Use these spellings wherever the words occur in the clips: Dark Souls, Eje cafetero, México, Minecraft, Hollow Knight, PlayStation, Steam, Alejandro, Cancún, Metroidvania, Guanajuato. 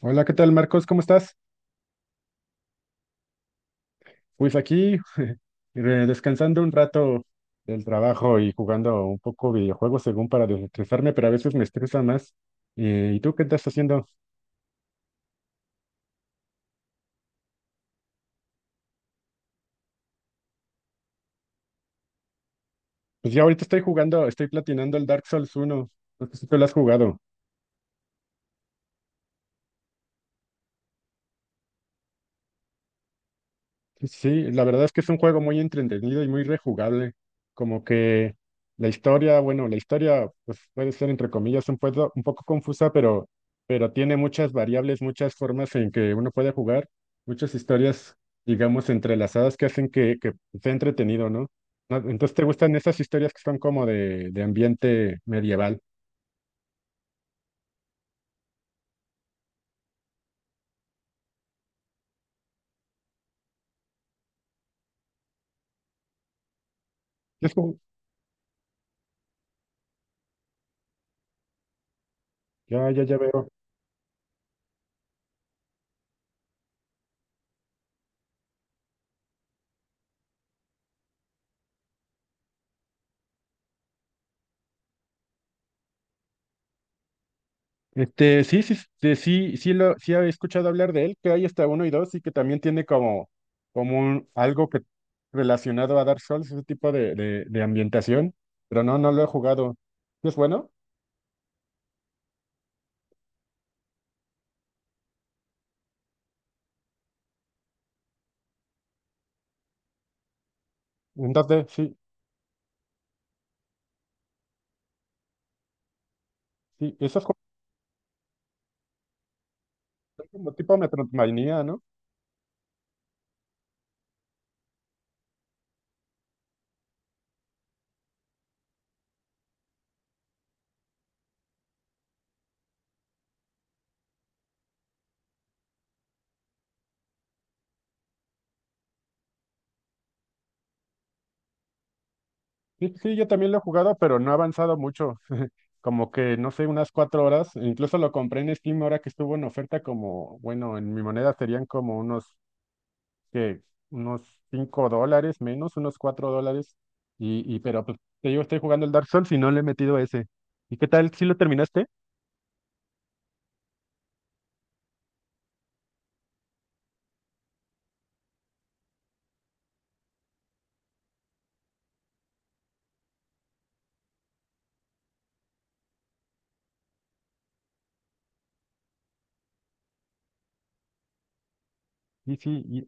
Hola, ¿qué tal, Marcos? ¿Cómo estás? Pues aquí descansando un rato del trabajo y jugando un poco videojuegos según para desestresarme, pero a veces me estresa más. ¿Y tú qué estás haciendo? Pues ya ahorita estoy jugando, estoy platinando el Dark Souls 1. No sé si tú lo has jugado. Sí, la verdad es que es un juego muy entretenido y muy rejugable. Como que la historia, bueno, la historia pues puede ser entre comillas un poco confusa, pero tiene muchas variables, muchas formas en que uno puede jugar, muchas historias, digamos, entrelazadas que hacen que sea entretenido, ¿no? Ah, entonces, ¿te gustan esas historias que son como de ambiente medieval? Es como- ya, ya, ya veo. Sí, sí, sí, sí, sí he escuchado hablar de él, que hay hasta uno y dos, y que también tiene como algo que relacionado a Dark Souls, ese tipo de ambientación, pero no, no lo he jugado. ¿Sí? ¿Es bueno? Entonces, sí, sí, eso es como, como tipo Metroidvania, ¿no? Sí, sí, yo también lo he jugado, pero no he avanzado mucho, como que, no sé, unas 4 horas, e incluso lo compré en Steam ahora que estuvo en oferta como, bueno, en mi moneda serían como unos que unos $5 menos, unos $4. Y pero pues, te digo, estoy jugando el Dark Souls y no le he metido ese. ¿Y qué tal si lo terminaste? ¿Y sí?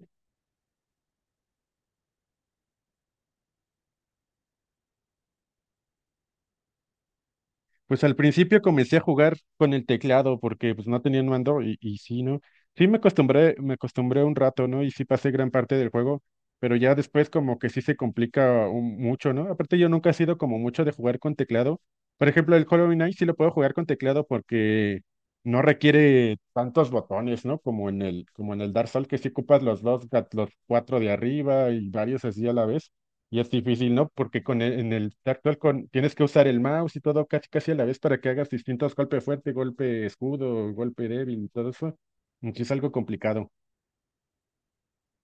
Pues al principio comencé a jugar con el teclado porque pues no tenía un mando y sí, ¿no? Sí me acostumbré un rato, ¿no? Y sí pasé gran parte del juego, pero ya después como que sí se complica mucho, ¿no? Aparte yo nunca he sido como mucho de jugar con teclado. Por ejemplo, el Hollow Knight sí lo puedo jugar con teclado porque no requiere tantos botones, ¿no? Como en el Dark Souls que sí ocupas los dos, los cuatro de arriba y varios así a la vez. Y es difícil, ¿no? Porque en el actual con, tienes que usar el mouse y todo casi casi a la vez para que hagas distintos golpes fuerte, golpe escudo, golpe débil y todo eso. Y sí es algo complicado.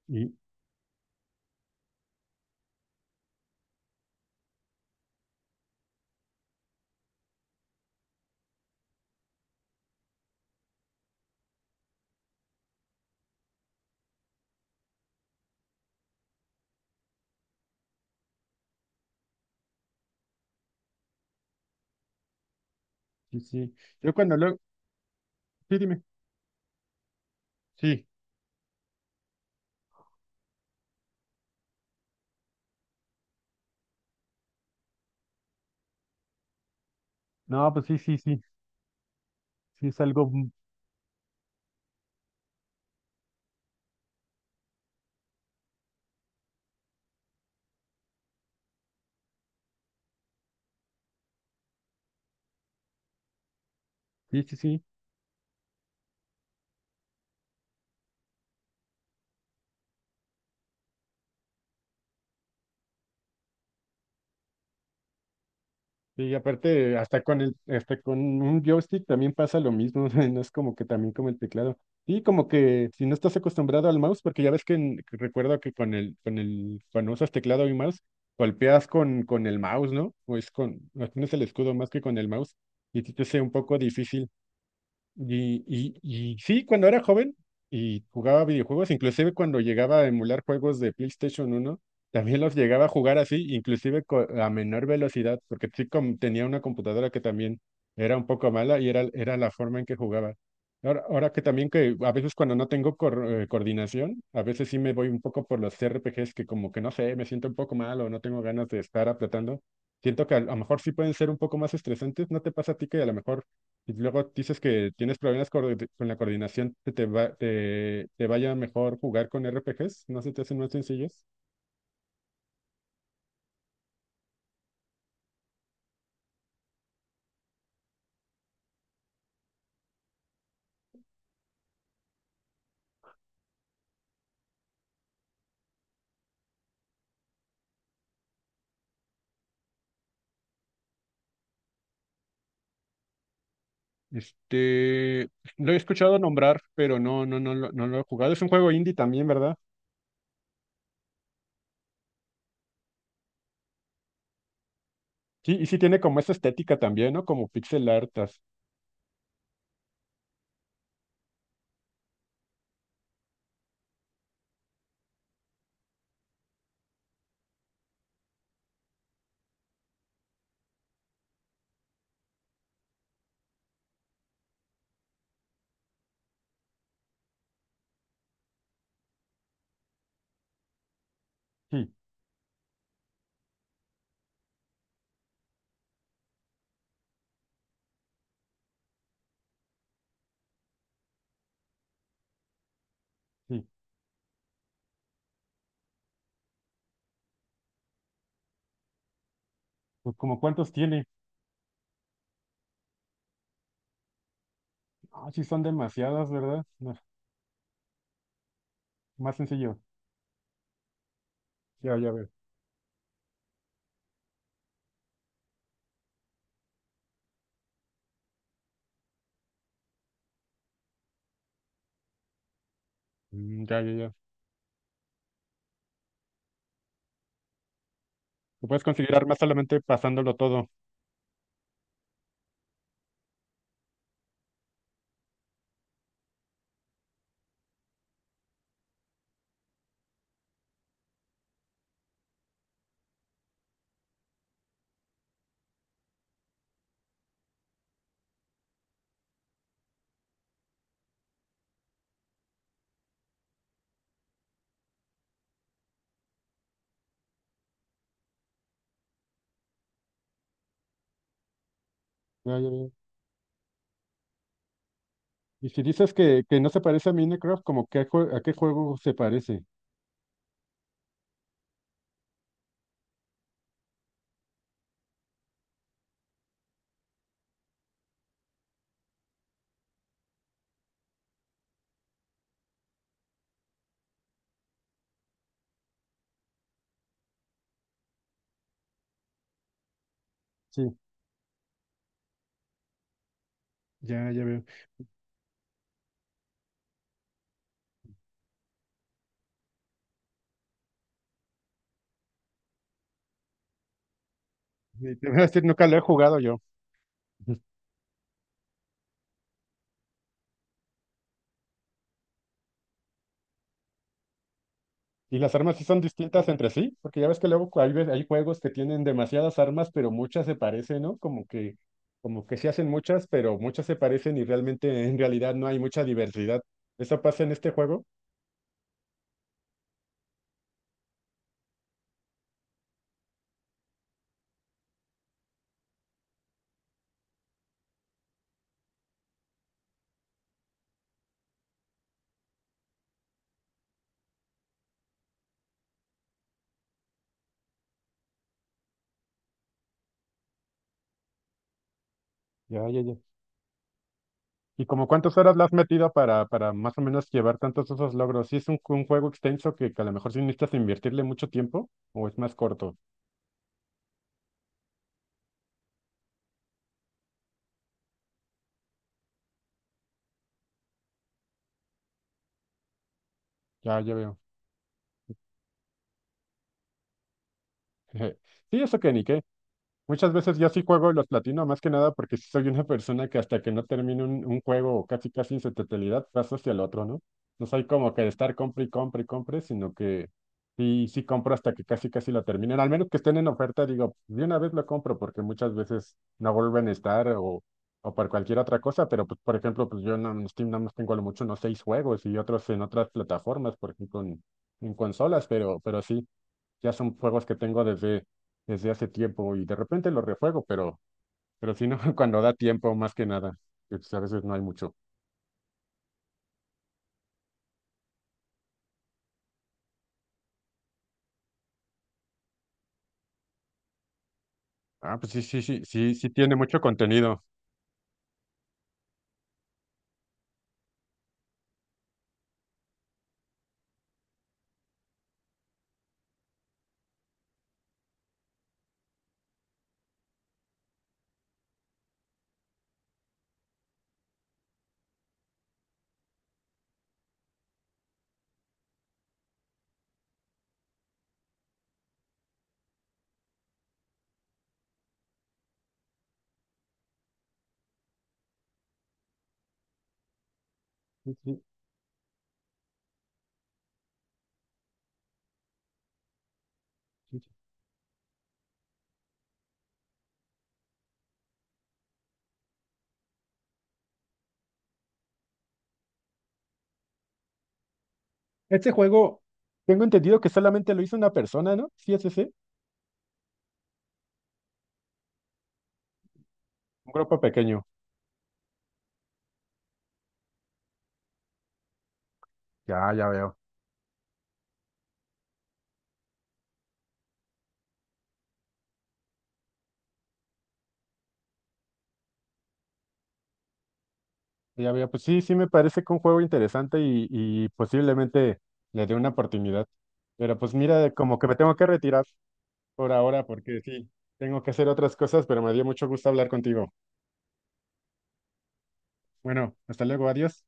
Y sí, sí. Yo cuando luego, sí, dime. Sí. No, pues sí, sí, sí. Sí es algo, sí, sí, sí. Y aparte, hasta con un joystick también pasa lo mismo, no es como que también como el teclado. Y como que si no estás acostumbrado al mouse, porque ya ves que, que recuerdo que cuando usas teclado y mouse, golpeas con el mouse, ¿no? O es con, no tienes el escudo más que con el mouse, y sí te hace un poco difícil. Y sí, cuando era joven y jugaba videojuegos, inclusive cuando llegaba a emular juegos de PlayStation 1 también los llegaba a jugar así, inclusive a menor velocidad, porque sí tenía una computadora que también era un poco mala y era, era la forma en que jugaba. Ahora, ahora que también que a veces cuando no tengo coordinación, a veces sí me voy un poco por los RPGs que como que no sé, me siento un poco mal o no tengo ganas de estar apretando. Siento que a lo mejor sí pueden ser un poco más estresantes. ¿No te pasa a ti que a lo mejor y luego dices que tienes problemas con la coordinación, que te vaya mejor jugar con RPGs, ¿no se te hacen más sencillos? Este, lo he escuchado nombrar, pero no, no, no, no lo he jugado. Es un juego indie también, ¿verdad? Sí, y sí tiene como esa estética también, ¿no? Como pixel artas. Sí, sí. Pues como cuántos tiene. Ah, sí, son demasiadas, ¿verdad? No, más sencillo. Ya, ya veo. Mm, ya, ya, ya. Lo puedes conseguir armas solamente pasándolo todo. Ya, ya, ya. Y si dices que no se parece a Minecraft, ¿a qué juego se parece? Sí, ya, ya veo. Y te voy a decir, nunca lo he jugado yo. Ujú. ¿Y las armas sí son distintas entre sí? Porque ya ves que luego hay, hay juegos que tienen demasiadas armas, pero muchas se parecen, ¿no? Como que se hacen muchas, pero muchas se parecen y realmente en realidad no hay mucha diversidad. ¿Eso pasa en este juego? Ya, ya, ya. ¿Y como cuántas horas le has metido para más o menos llevar tantos esos logros? ¿Sí es un juego extenso que a lo mejor sí necesitas invertirle mucho tiempo o es más corto? Ya, ya veo. Sí, eso que ni qué. Muchas veces yo sí juego y los platino, más que nada porque sí soy una persona que hasta que no termine un juego o casi casi en su totalidad, paso hacia el otro, ¿no? No soy como que de estar compre y compre y compre, sino que sí, sí compro hasta que casi casi lo terminen. Al menos que estén en oferta, digo, de una vez lo compro porque muchas veces no vuelven a estar o por cualquier otra cosa, pero pues, por ejemplo, pues yo no, en Steam nada más tengo a lo mucho, no seis juegos y otros en otras plataformas, por ejemplo, en consolas, pero sí. Ya son juegos que tengo desde hace tiempo y de repente los rejuego, pero si no, cuando da tiempo, más que nada, que, pues, a veces no hay mucho. Ah, pues sí, sí, sí, sí, sí tiene mucho contenido. Sí, sí, sí, sí. Este juego, tengo entendido que solamente lo hizo una persona, ¿no? Sí, es ese, sí, un grupo pequeño. Ya, ya veo. Ya veo, pues sí, sí me parece que un juego interesante y posiblemente le dé una oportunidad. Pero pues mira, como que me tengo que retirar por ahora porque sí, tengo que hacer otras cosas, pero me dio mucho gusto hablar contigo. Bueno, hasta luego, adiós.